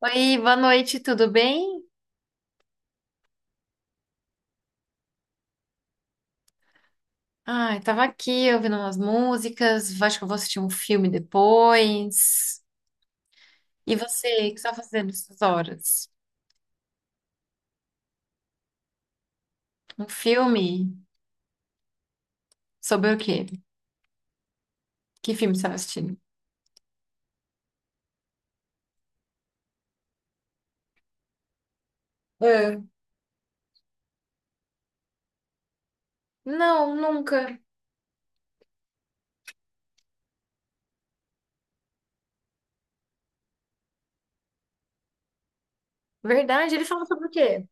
Oi, boa noite, tudo bem? Ai, tava aqui ouvindo umas músicas, acho que eu vou assistir um filme depois. E você, o que você tá fazendo essas horas? Um filme? Sobre o quê? Que filme você tá assistindo? Ah, não, nunca. Verdade, ele fala sobre o quê?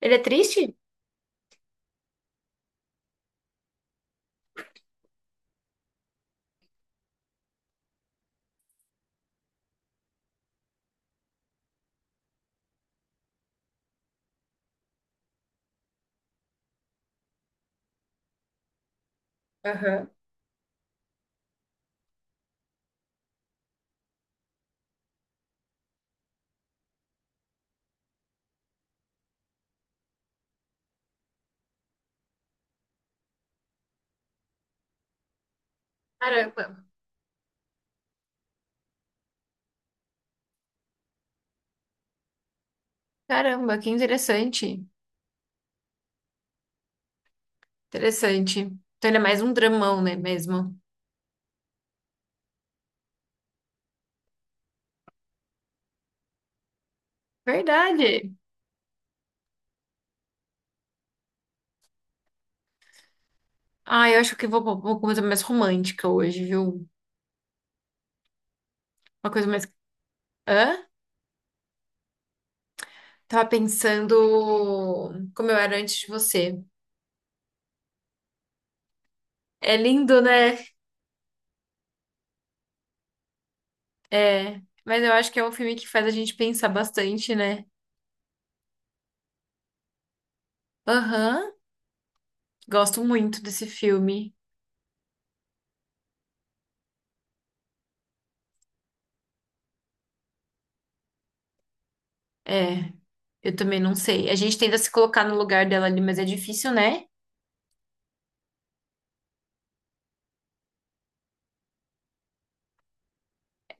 Ele é triste? Aham. Caramba. Caramba, que interessante. Interessante. Então ele é mais um dramão, né, mesmo? Verdade. Ah, eu acho que vou pra uma coisa mais romântica hoje, viu? Uma coisa mais... Hã? Tava pensando como eu era antes de você. É lindo, né? É. Mas eu acho que é um filme que faz a gente pensar bastante, né? Aham. Gosto muito desse filme. É. Eu também não sei. A gente tenta se colocar no lugar dela ali, mas é difícil, né?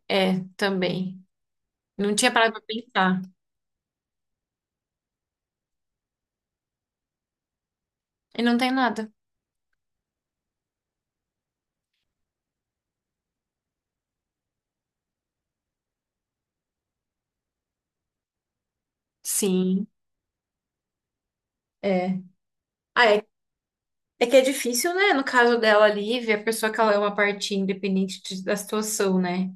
É, também. Não tinha parado pra pensar. E não tem nada. Sim, é. Ah, é, é que é difícil, né? No caso dela, a Lívia, a pessoa que ela é uma parte independente de- da situação, né?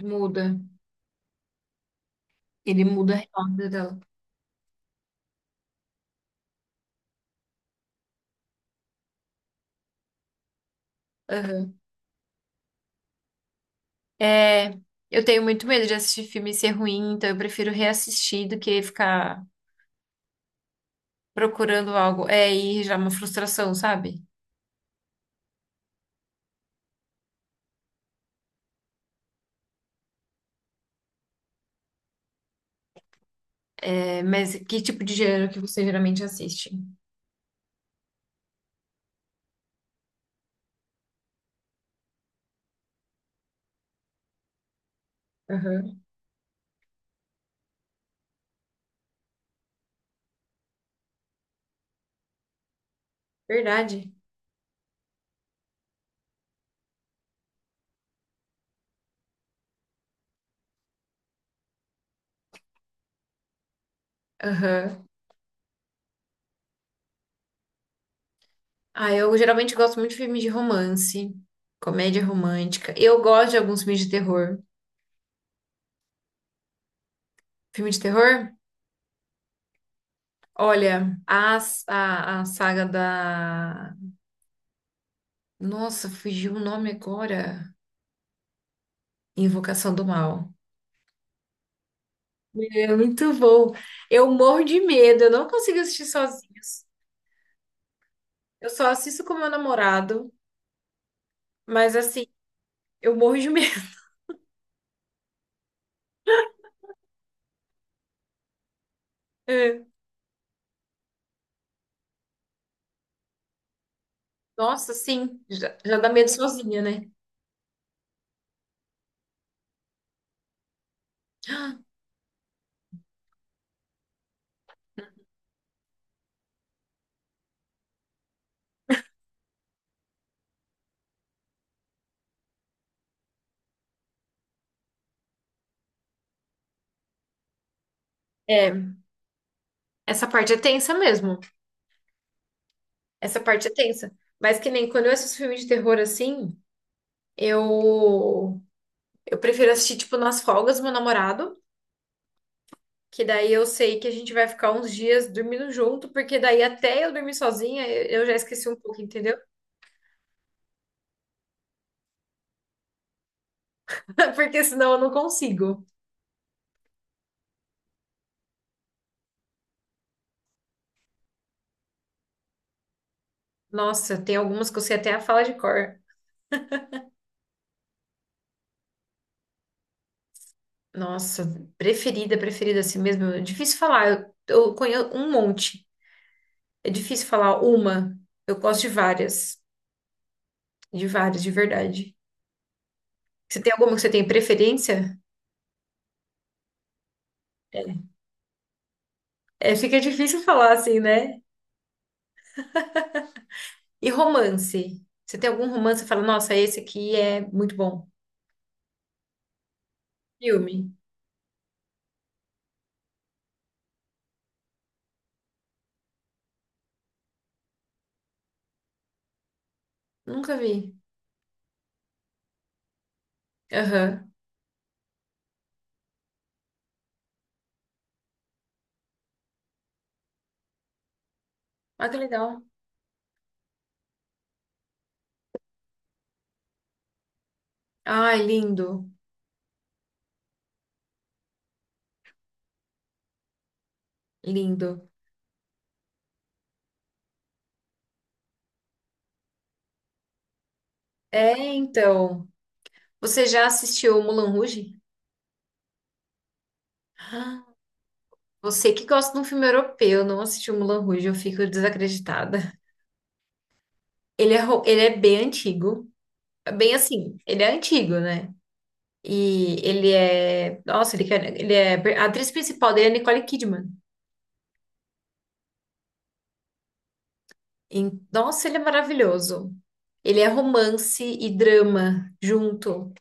Muda. Ele muda a realidade dela. Aham. É, eu tenho muito medo de assistir filme e ser ruim, então eu prefiro reassistir do que ficar procurando algo. É, e já é uma frustração, sabe? É, mas que tipo de gênero que você geralmente assiste? Aham. Verdade. Aham. Ah, eu geralmente gosto muito de filmes de romance, comédia romântica. Eu gosto de alguns filmes de terror. Filme de terror? Olha, a saga da. Nossa, fugiu o nome agora. Invocação do Mal. É muito bom. Eu morro de medo, eu não consigo assistir sozinhos. Eu só assisto com meu namorado, mas assim, eu morro de medo. É. Nossa, sim, já, já dá medo sozinha, né? É, essa parte é tensa mesmo. Essa parte é tensa. Mas que nem quando eu assisto filme de terror assim, eu prefiro assistir tipo nas folgas do meu namorado, que daí eu sei que a gente vai ficar uns dias dormindo junto, porque daí até eu dormir sozinha, eu já esqueci um pouco, entendeu? Porque senão eu não consigo. Nossa, tem algumas que eu sei até a fala de cor. Nossa, preferida, preferida assim mesmo. É difícil falar. Eu conheço um monte. É difícil falar uma. Eu gosto de várias. De várias, de verdade. Você tem alguma que você tem preferência? É, fica difícil falar assim, né? E romance? Você tem algum romance que fala, nossa, esse aqui é muito bom. Filme? Nunca vi. Aham. Ah, que legal. Ai, lindo. Lindo. É, então. Você já assistiu Mulan Rouge? Você que gosta de um filme europeu, não assistiu Moulin Rouge, eu fico desacreditada. Ele é, ele é bem antigo. É bem assim, ele é antigo, né? E ele é. Nossa, ele, ele é. A atriz principal dele é Nicole Kidman. E, nossa, ele é maravilhoso. Ele é romance e drama junto.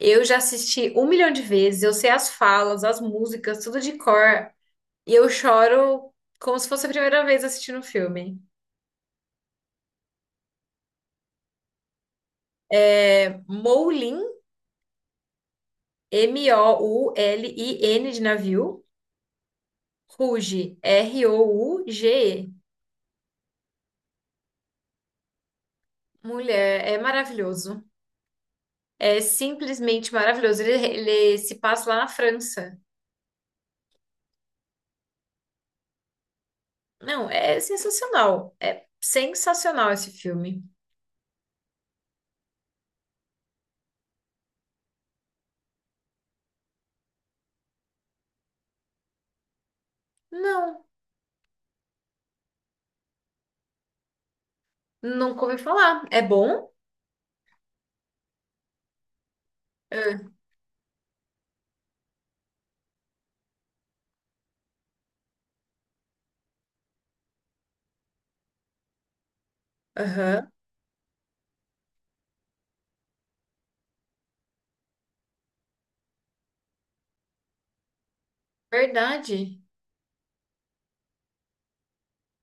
Eu já assisti um milhão de vezes, eu sei as falas, as músicas, tudo de cor. E eu choro como se fosse a primeira vez assistindo o filme. É, Moulin de navio. Ruge. Rouge. Mulher, é maravilhoso. É simplesmente maravilhoso. Ele se passa lá na França. Não, é sensacional. É sensacional esse filme. Não, nunca ouvi falar. É bom? Ah, aham. Verdade.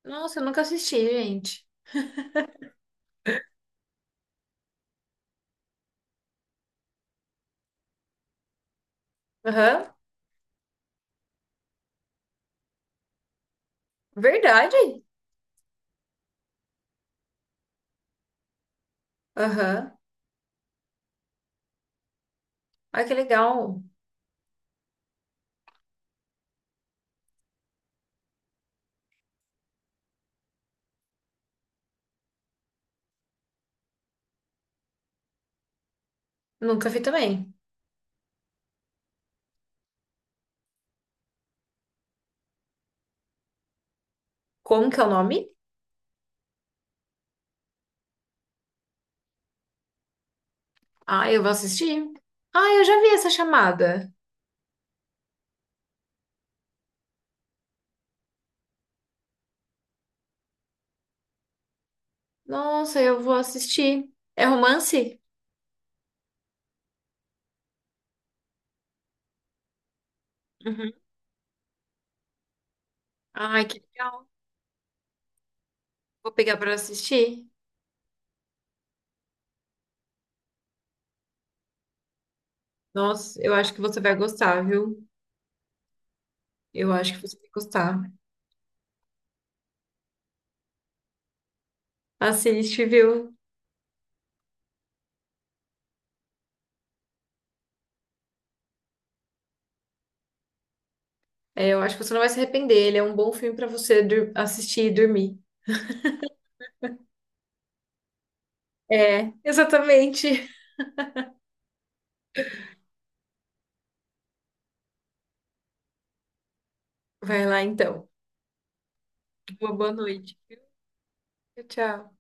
Nossa, eu nunca assisti, gente. Aham. Verdade. Aham. Ah, que legal. Nunca vi também. Como que é o nome? Ah, eu vou assistir. Ah, eu já vi essa chamada. Nossa, eu vou assistir. É romance? Uhum. Ai, que legal. Vou pegar pra assistir. Nossa, eu acho que você vai gostar, viu? Eu acho que você vai gostar. Assiste, viu? É, eu acho que você não vai se arrepender. Ele é um bom filme pra você assistir e dormir. É, exatamente. Vai lá então. Uma boa noite. Tchau, tchau.